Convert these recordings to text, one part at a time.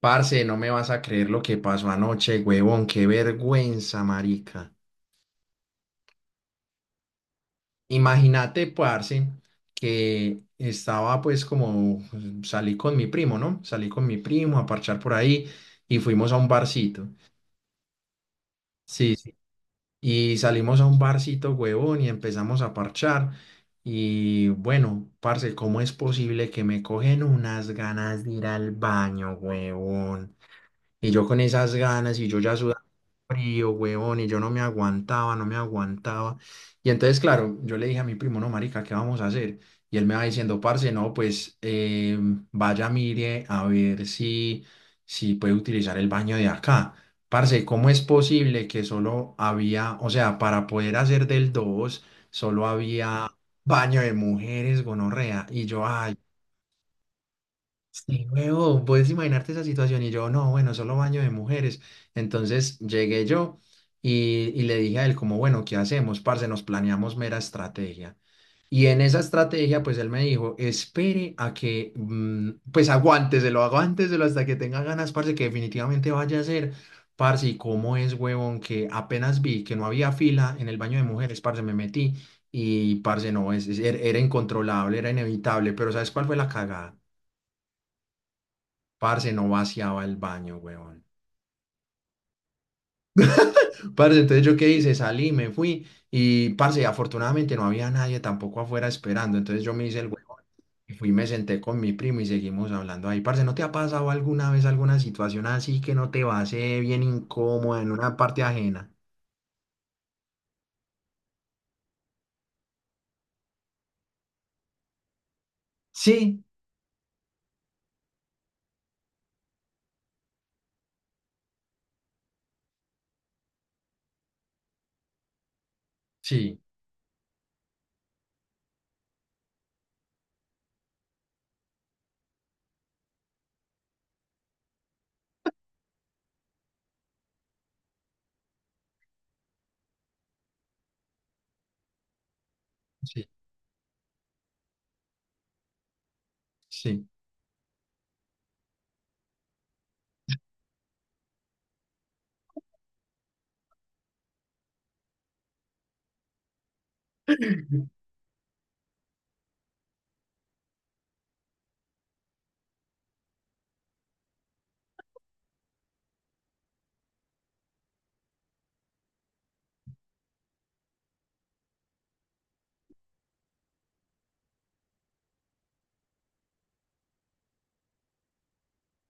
Parce, no me vas a creer lo que pasó anoche, huevón, qué vergüenza, marica. Imagínate, parce, que estaba pues como salí con mi primo, ¿no? Salí con mi primo a parchar por ahí y fuimos a un barcito. Sí, sí. Y salimos a un barcito, huevón, y empezamos a parchar. Y bueno, parce, ¿cómo es posible que me cogen unas ganas de ir al baño, huevón? Y yo con esas ganas y yo ya sudando frío, huevón, y yo no me aguantaba, no me aguantaba. Y entonces, claro, yo le dije a mi primo, no, marica, ¿qué vamos a hacer? Y él me va diciendo, parce, no, pues vaya, mire, a ver si puede utilizar el baño de acá. Parce, ¿cómo es posible que solo había, o sea, para poder hacer del 2 solo había baño de mujeres, gonorrea? Y yo, ay, sí, huevón, puedes imaginarte esa situación y yo, no, bueno, solo baño de mujeres. Entonces llegué yo y, y le dije a él como, bueno, ¿qué hacemos, parce? Nos planeamos mera estrategia. Y en esa estrategia, pues él me dijo, espere a que, pues aguánteselo, aguánteselo hasta que tenga ganas, parce, que definitivamente vaya a ser. Parce, ¿y cómo es, huevón? Que apenas vi que no había fila en el baño de mujeres, parce, me metí y, parce, no, era incontrolable, era inevitable, pero ¿sabes cuál fue la cagada? Parce, no vaciaba el baño, weón. Parce, entonces yo qué hice, salí, me fui y, parce, afortunadamente no había nadie tampoco afuera esperando. Entonces yo me hice el weón y fui, me senté con mi primo y seguimos hablando ahí. Parce, ¿no te ha pasado alguna vez alguna situación así que no te va a hacer bien incómoda en una parte ajena? Sí, sí, sí, sí.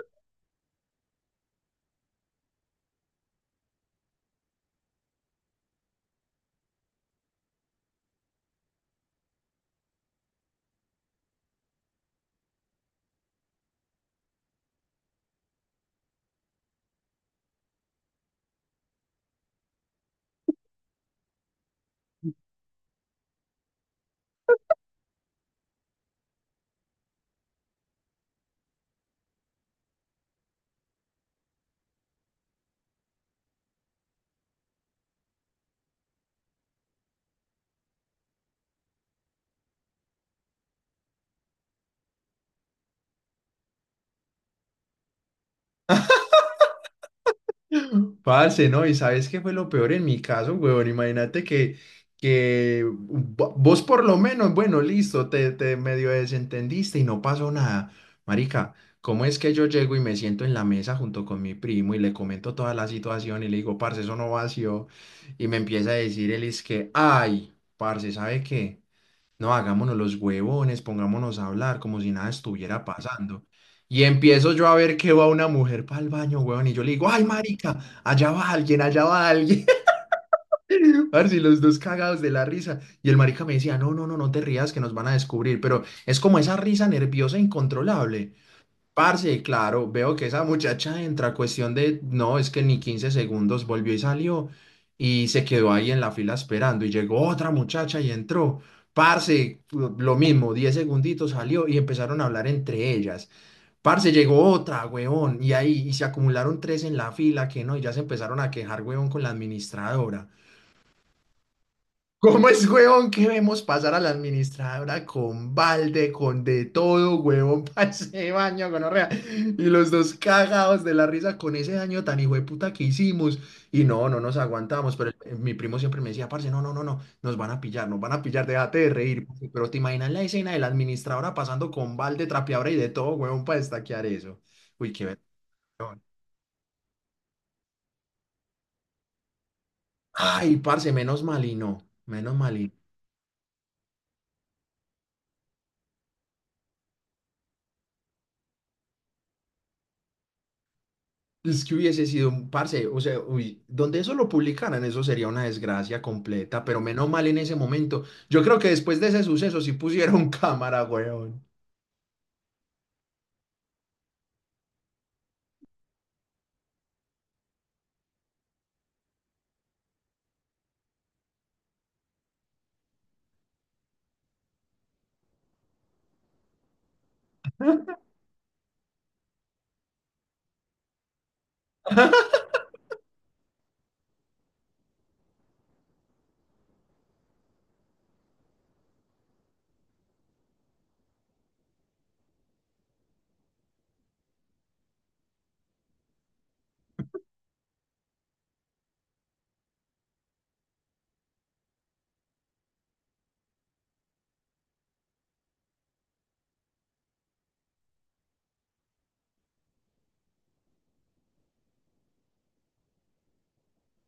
Parce, ¿no? ¿Y sabes qué fue lo peor en mi caso, huevón? Imagínate que vos por lo menos, bueno, listo, te medio desentendiste y no pasó nada. Marica, ¿cómo es que yo llego y me siento en la mesa junto con mi primo y le comento toda la situación y le digo, parce, eso no vació? Y me empieza a decir él es que, ay, parce, ¿sabe qué? No, hagámonos los huevones, pongámonos a hablar como si nada estuviera pasando. Y empiezo yo a ver que va una mujer para el baño, huevón, y yo le digo, ay, marica, allá va alguien, allá va alguien. Parce, y los dos cagados de la risa. Y el marica me decía, no, no, no, no te rías que nos van a descubrir. Pero es como esa risa nerviosa incontrolable. Parce, claro, veo que esa muchacha entra a cuestión de, no, es que ni 15 segundos volvió y salió y se quedó ahí en la fila esperando y llegó otra muchacha y entró. Parce, lo mismo, 10 segunditos salió y empezaron a hablar entre ellas. Parce, llegó otra, huevón, y ahí y se acumularon tres en la fila que no, y ya se empezaron a quejar, huevón, con la administradora. ¿Cómo es, huevón, que vemos pasar a la administradora con balde, con de todo, huevón, para ese baño, gonorrea? Y los dos cagados de la risa con ese daño tan hijo de puta que hicimos. Y no, no nos aguantamos, pero mi primo siempre me decía, parce, no, no, no, no, nos van a pillar, nos van a pillar, déjate de reír. Parce". Pero te imaginas la escena de la administradora pasando con balde, trapeadora y de todo, huevón, para destaquear eso. Uy, qué vergüenza. Ay, parce, menos mal y no, menos mal y no. Es que hubiese sido un parce, o sea, uy, donde eso lo publicaran, eso sería una desgracia completa, pero menos mal en ese momento. Yo creo que después de ese suceso sí pusieron cámara, weón.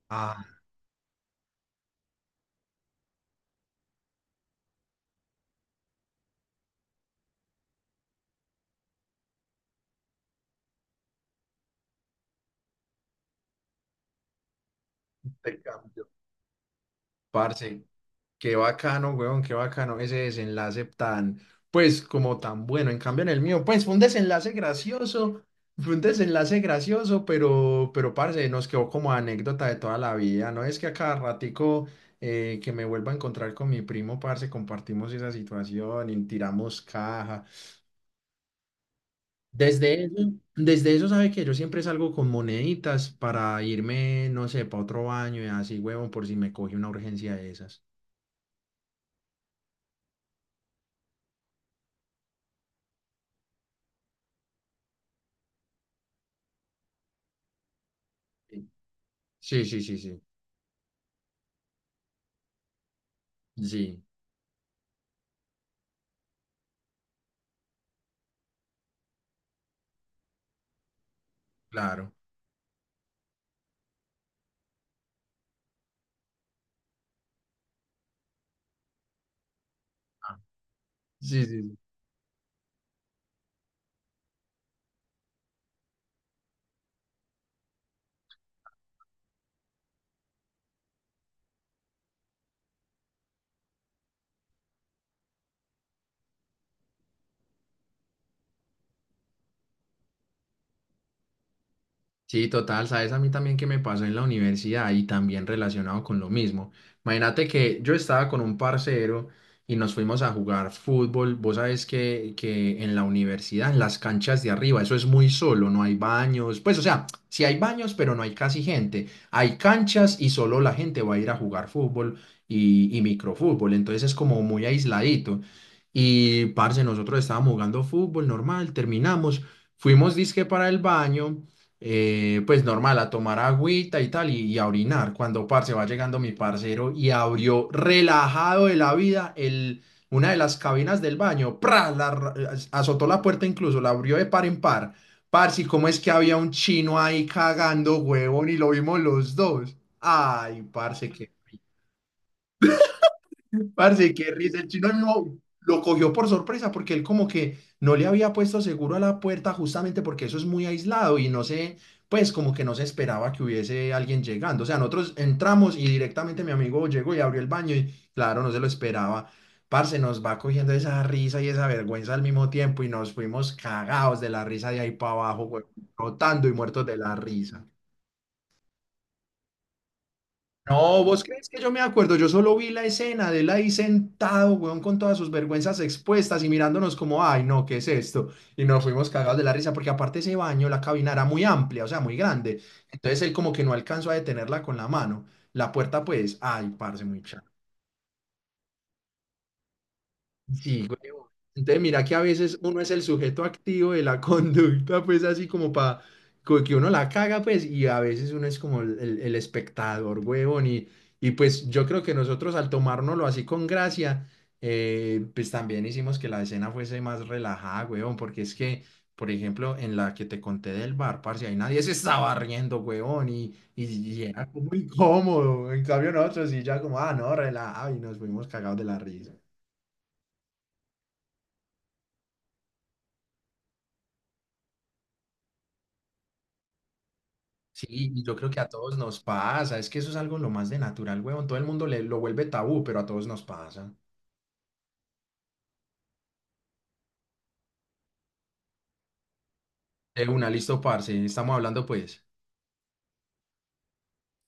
Ah, te cambio. Parce, qué bacano, weón, qué bacano ese desenlace tan, pues, como tan bueno. En cambio, en el mío, pues, fue un desenlace gracioso, fue un desenlace gracioso, pero, parce, nos quedó como anécdota de toda la vida. No es que a cada ratico que me vuelva a encontrar con mi primo, parce, compartimos esa situación y tiramos caja. Desde eso, sabe que yo siempre salgo con moneditas para irme, no sé, para otro baño y así, huevón, por si me coge una urgencia de esas. Sí, sí, sí, sí. Sí. Claro. Ah, sí, sí, sí. Sí, total, sabes a mí también que me pasó en la universidad y también relacionado con lo mismo. Imagínate que yo estaba con un parcero y nos fuimos a jugar fútbol. Vos sabés que en la universidad, en las canchas de arriba, eso es muy solo, no hay baños. Pues o sea, sí hay baños, pero no hay casi gente. Hay canchas y solo la gente va a ir a jugar fútbol y microfútbol. Entonces es como muy aisladito. Y parce, nosotros estábamos jugando fútbol normal, terminamos, fuimos disque para el baño pues normal, a tomar agüita y tal, y a orinar. Cuando, parce, va llegando mi parcero y abrió relajado de la vida una de las cabinas del baño, ¡pra! Azotó la puerta incluso, la abrió de par en par. Parce, ¿y cómo es que había un chino ahí cagando, huevón, y lo vimos los dos? Ay, parce, qué... Parce, qué risa. El chino mismo lo cogió por sorpresa porque él como que no le había puesto seguro a la puerta justamente porque eso es muy aislado y no sé, pues como que no se esperaba que hubiese alguien llegando. O sea, nosotros entramos y directamente mi amigo llegó y abrió el baño y claro, no se lo esperaba. Parce, nos va cogiendo esa risa y esa vergüenza al mismo tiempo y nos fuimos cagados de la risa de ahí para abajo, güey, rotando y muertos de la risa. No, ¿vos crees que yo me acuerdo? Yo solo vi la escena de él ahí sentado, weón, con todas sus vergüenzas expuestas y mirándonos como, ay, no, ¿qué es esto? Y nos fuimos cagados de la risa porque aparte ese baño, la cabina era muy amplia, o sea, muy grande. Entonces él como que no alcanzó a detenerla con la mano. La puerta, pues, ay, parce, muy chato. Sí, güey. Entonces, mira que a veces uno es el sujeto activo de la conducta, pues así como para que uno la caga, pues, y a veces uno es como el espectador, huevón. Y pues yo creo que nosotros al tomárnoslo así con gracia, pues también hicimos que la escena fuese más relajada, huevón, porque es que, por ejemplo, en la que te conté del bar, parce, ahí nadie se estaba riendo, huevón, y era como incómodo. En cambio, nosotros sí ya como, ah, no, relajado, y nos fuimos cagados de la risa. Sí, y yo creo que a todos nos pasa, es que eso es algo lo más de natural, huevón, todo el mundo le, lo vuelve tabú, pero a todos nos pasa. De una, listo, parce, estamos hablando pues.